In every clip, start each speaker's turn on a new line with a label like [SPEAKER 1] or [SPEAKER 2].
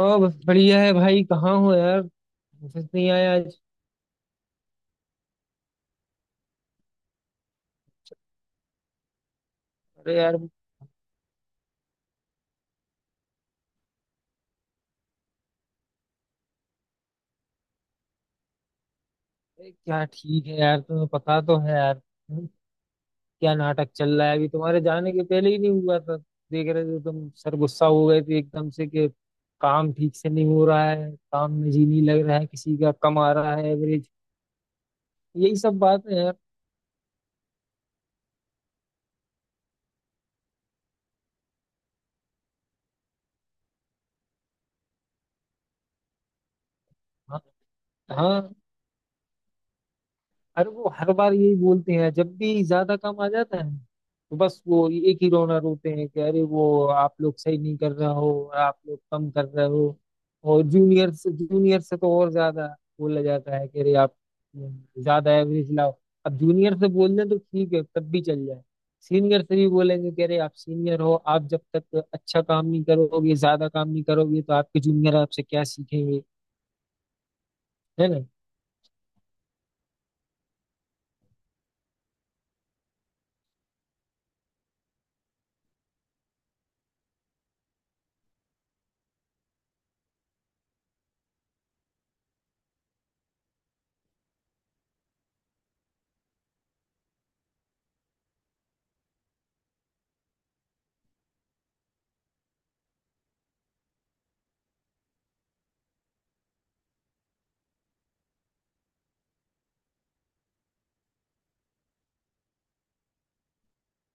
[SPEAKER 1] हाँ बस बढ़िया है भाई। कहाँ हो यार? ऑफिस नहीं आया आज? अरे यार। अरे क्या ठीक है यार, तुम्हें पता तो है यार। हम्म, क्या नाटक चल रहा है, अभी तुम्हारे जाने के पहले ही नहीं हुआ था? देख रहे थे तुम, सर गुस्सा हो गए थे एकदम से कि काम ठीक से नहीं हो रहा है, काम में जी नहीं लग रहा है, किसी का कम आ रहा है एवरेज। यही सब बात है यार। हाँ। हाँ, अरे वो हर बार यही बोलते हैं जब भी ज्यादा काम आ जाता है, तो बस वो एक ही रोना रोते हैं कि अरे वो आप लोग सही नहीं कर रहे हो, आप लोग कम कर रहे हो। और जूनियर से, जूनियर से तो और ज्यादा बोला जाता है कि अरे आप ज्यादा एवरेज लाओ। अब जूनियर से बोल दें तो ठीक है, तब भी चल जाए, सीनियर से भी बोलेंगे कि अरे आप सीनियर हो, आप जब तक अच्छा काम नहीं करोगे, ज्यादा काम नहीं करोगे तो आपके जूनियर आपसे क्या सीखेंगे? है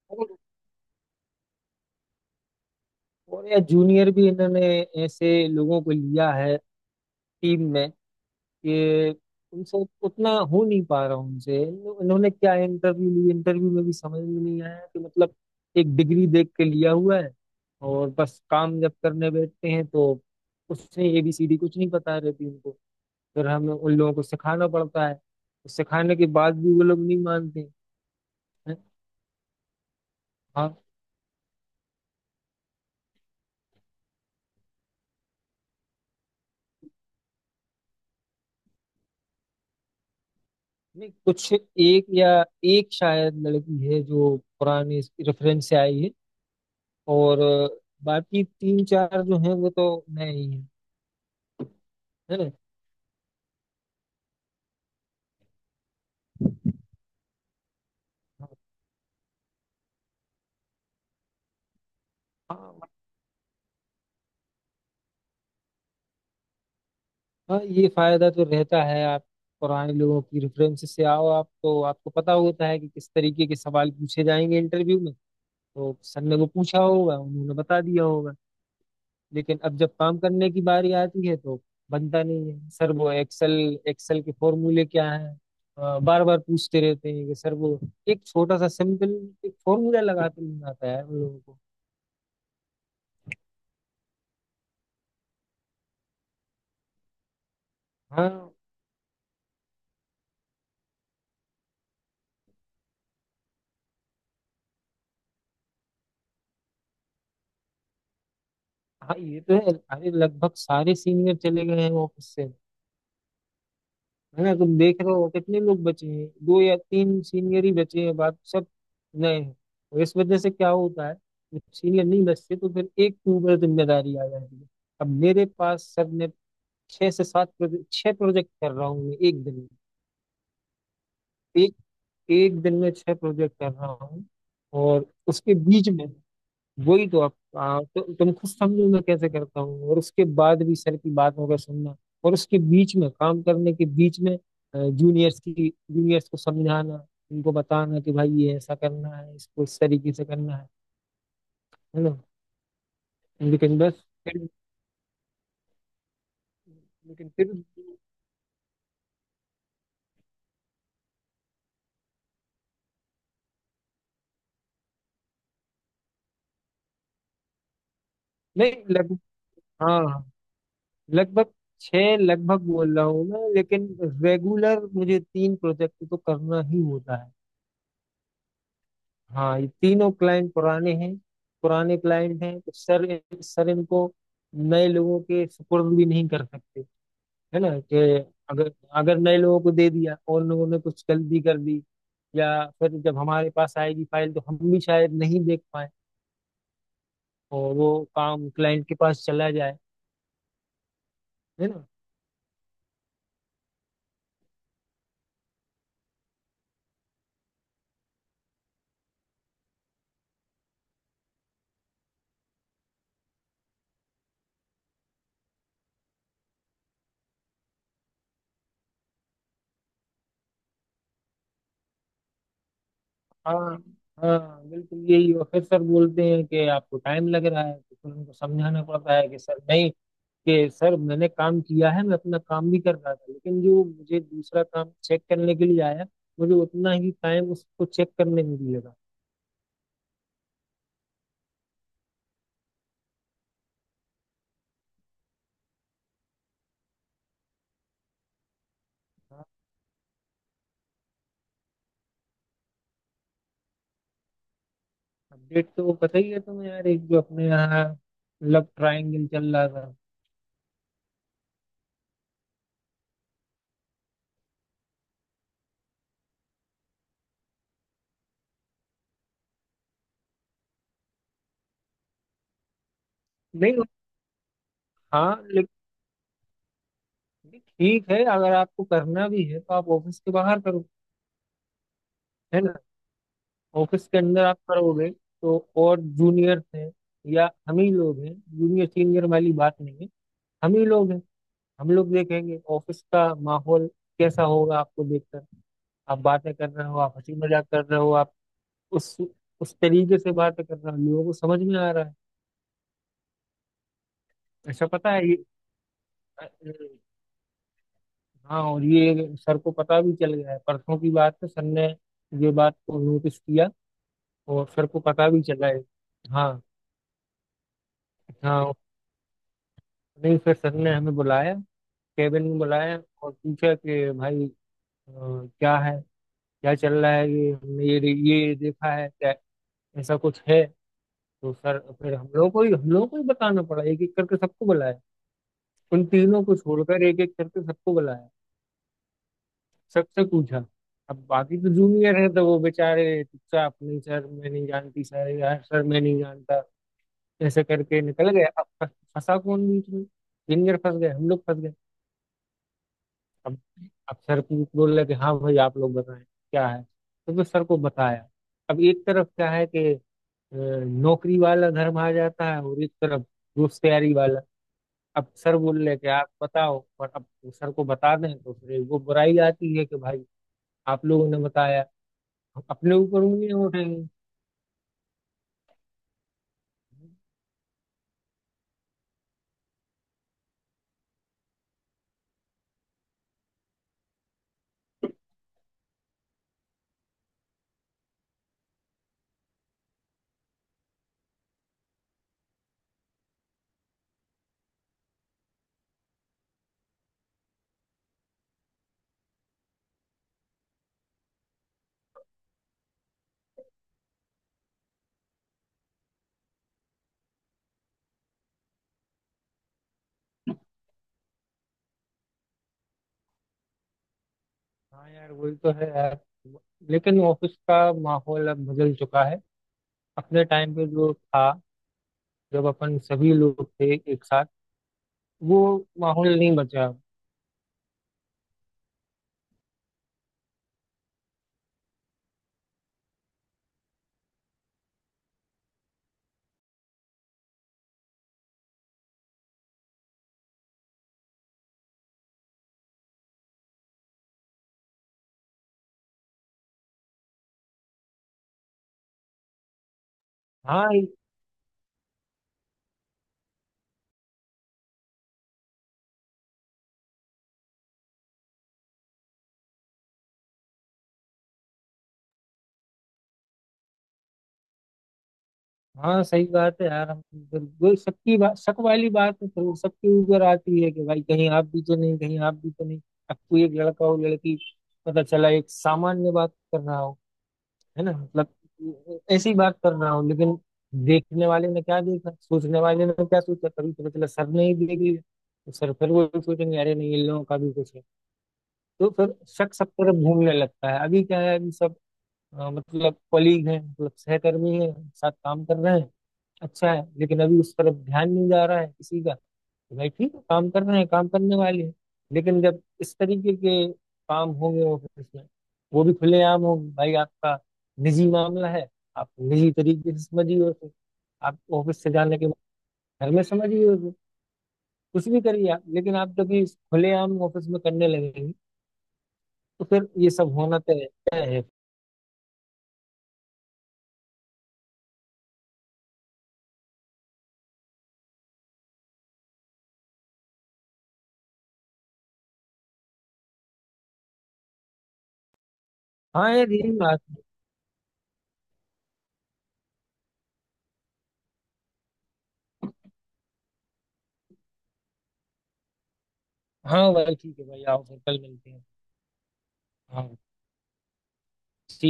[SPEAKER 1] ना। और या जूनियर भी इन्होंने ऐसे लोगों को लिया है टीम में कि उनसे उतना हो नहीं पा रहा उनसे इन्होंने क्या इंटरव्यू ली, इंटरव्यू में भी समझ में नहीं आया कि मतलब एक डिग्री देख के लिया हुआ है, और बस काम जब करने बैठते हैं तो उसने एबीसीडी कुछ नहीं पता रहती उनको। फिर हमें उन लोगों को सिखाना पड़ता है, तो सिखाने के बाद भी वो लोग नहीं मानते हैं। हाँ। नहीं, कुछ एक या एक शायद लड़की है जो पुराने रेफरेंस से आई है, और बाकी तीन चार जो हैं वो तो नए ही हैं, है ना। हाँ। हाँ ये फायदा तो रहता है, आप पुराने लोगों की रेफरेंस से आओ, आप तो आपको पता होता है कि किस तरीके के सवाल पूछे जाएंगे इंटरव्यू में। तो सर ने वो पूछा होगा, उन्होंने बता दिया होगा। लेकिन अब जब काम करने की बारी आती है तो बनता नहीं है। सर वो एक्सेल एक्सेल के फॉर्मूले क्या है बार बार पूछते रहते हैं कि सर वो एक छोटा सा सिंपल एक फॉर्मूला लगाते नहीं आता है उन लोगों को। हाँ। हाँ ये तो है, अरे लगभग सारे सीनियर चले गए हैं ऑफिस से। है ना, तुम देख रहे हो कितने लोग बचे हैं? दो या तीन सीनियर ही बचे हैं, बाकी सब नए हैं। और इस वजह से क्या होता है, जब सीनियर नहीं बचते तो फिर एक के ऊपर जिम्मेदारी आ जाती है। अब मेरे पास सर ने छह से सात प्रोजेक्ट, छह प्रोजेक्ट कर रहा हूँ मैं एक दिन में, एक एक दिन में छह प्रोजेक्ट कर रहा हूँ। और उसके बीच में, वही तो। आप तुम खुद समझो मैं कैसे करता हूँ और उसके बाद भी सर की बात होकर सुनना। और उसके बीच में, काम करने के बीच में, जूनियर्स को समझाना, उनको बताना कि भाई ये ऐसा करना है, इसको इस तरीके से करना है ना। लेकिन बस फिर लेकिन फिर, नहीं लग हाँ लगभग छह, लगभग बोल रहा हूँ मैं, लेकिन रेगुलर मुझे तीन प्रोजेक्ट तो करना ही होता है। हाँ, ये तीनों क्लाइंट पुराने हैं। पुराने क्लाइंट हैं तो सर सर इनको नए लोगों के सुपुर्द भी नहीं कर सकते, है ना। कि अगर अगर नए लोगों को दे दिया और लोगों ने कुछ गलती कर दी, या फिर जब हमारे पास आएगी फाइल तो हम भी शायद नहीं देख पाए, और वो काम क्लाइंट के पास चला जाए, है ना। हाँ। हाँ बिल्कुल यही, और फिर सर बोलते हैं कि आपको टाइम लग रहा है, तो फिर उनको समझाना पड़ता है कि सर नहीं, कि सर मैंने काम किया है, मैं अपना काम भी कर रहा था, लेकिन जो मुझे दूसरा काम चेक करने के लिए आया मुझे उतना ही टाइम उसको चेक करने में भी लगा। अपडेट तो पता ही है तुम्हें यार, एक जो अपने यहाँ लव ट्रायंगल चल रहा था। नहीं। हाँ लेकिन, ठीक है अगर आपको करना भी है तो आप ऑफिस के बाहर करो, है ना। ऑफिस के अंदर आप करोगे तो, और जूनियर हैं या हम ही लोग हैं, जूनियर सीनियर वाली बात नहीं है, हम ही लोग हैं, हम लोग देखेंगे ऑफिस का माहौल कैसा होगा आपको देखकर। आप बातें कर रहे हो, आप हंसी मजाक कर रहे हो, आप उस उस तरीके से बातें कर रहे हो, लोगों को समझ में आ रहा है। ऐसा पता है ये। अ, अ, हाँ, और ये सर को पता भी चल गया है, परसों की बात है, सर ने ये बात को नोटिस किया और सर को पता भी चला है। हाँ हाँ। नहीं, फिर सर ने हमें बुलाया, केबिन में बुलाया, और पूछा कि भाई, अ, क्या है, क्या चल रहा है ये, हमने ये देखा है, क्या ऐसा कुछ है। तो सर फिर हम लोगों को ही बताना पड़ा, एक एक करके सबको बुलाया, उन तीनों को छोड़कर एक एक करके सबको बुलाया, सबसे पूछा। अब बाकी तो जूनियर है तो वो बेचारे चुपचाप, नहीं सर मैं नहीं जानती, सर यार सर मैं नहीं जानता, ऐसे करके निकल गए। अब फंसा कौन बीच में? जूनियर फंस गए, हम लोग फंस गए। अब अब सर पूछ बोल रहे कि हाँ भाई आप लोग बताएं क्या है, तो फिर सर को बताया। अब एक तरफ क्या है कि अ, नौकरी वाला धर्म आ जाता है, और एक तरफ दोस्त यारी वाला। अब सर बोल रहे कि आप बताओ, और अब सर को बता दें तो फिर वो बुराई आती है कि भाई आप लोगों ने बताया, हम अपने ऊपर उंगलियां उठाएंगे। हाँ यार वही तो है यार, लेकिन ऑफिस का माहौल अब बदल चुका है। अपने टाइम पे जो था, जब अपन सभी लोग थे एक साथ, वो माहौल नहीं बचा अब। हाँ। हाँ सही बात है यार, हम बिल्कुल सबकी बात, शक वाली बात तो फिर सबके ऊपर आती है कि भाई कहीं आप भी तो नहीं, कहीं आप भी तो नहीं। अब कोई एक लड़का हो लड़की, पता चला एक सामान्य बात कर रहा हो, है ना, मतलब ऐसी बात कर रहा हो, लेकिन देखने वाले ने क्या देखा, सोचने वाले ने क्या सोचा, कभी पता चला सर ने ही देख लिया तो सर फिर वो सोचेंगे अरे नहीं इन लोगों का भी कुछ है। तो फिर शक सब तरफ घूमने लगता है। अभी क्या है, अभी सब, मतलब कलीग हैं, मतलब सहकर्मी हैं, साथ काम कर रहे हैं, अच्छा है, लेकिन अभी उस तरफ ध्यान नहीं जा रहा है किसी का, तो भाई ठीक है काम कर रहे हैं, काम करने वाले हैं। लेकिन जब इस तरीके के काम होंगे ऑफिस में, वो भी खुलेआम होंगे, भाई आपका निजी मामला है, आप निजी तरीके से समझिए उसे, आप ऑफिस से जाने के बाद घर में समझिए उसे, कुछ भी करिए आप, लेकिन आप जब ये खुलेआम ऑफिस में करने लगेंगे तो फिर ये सब होना तय तय है। हाँ ये धीरे बात है। हाँ भाई ठीक है भाई, आओ फिर कल मिलते हैं। हाँ। ठीक।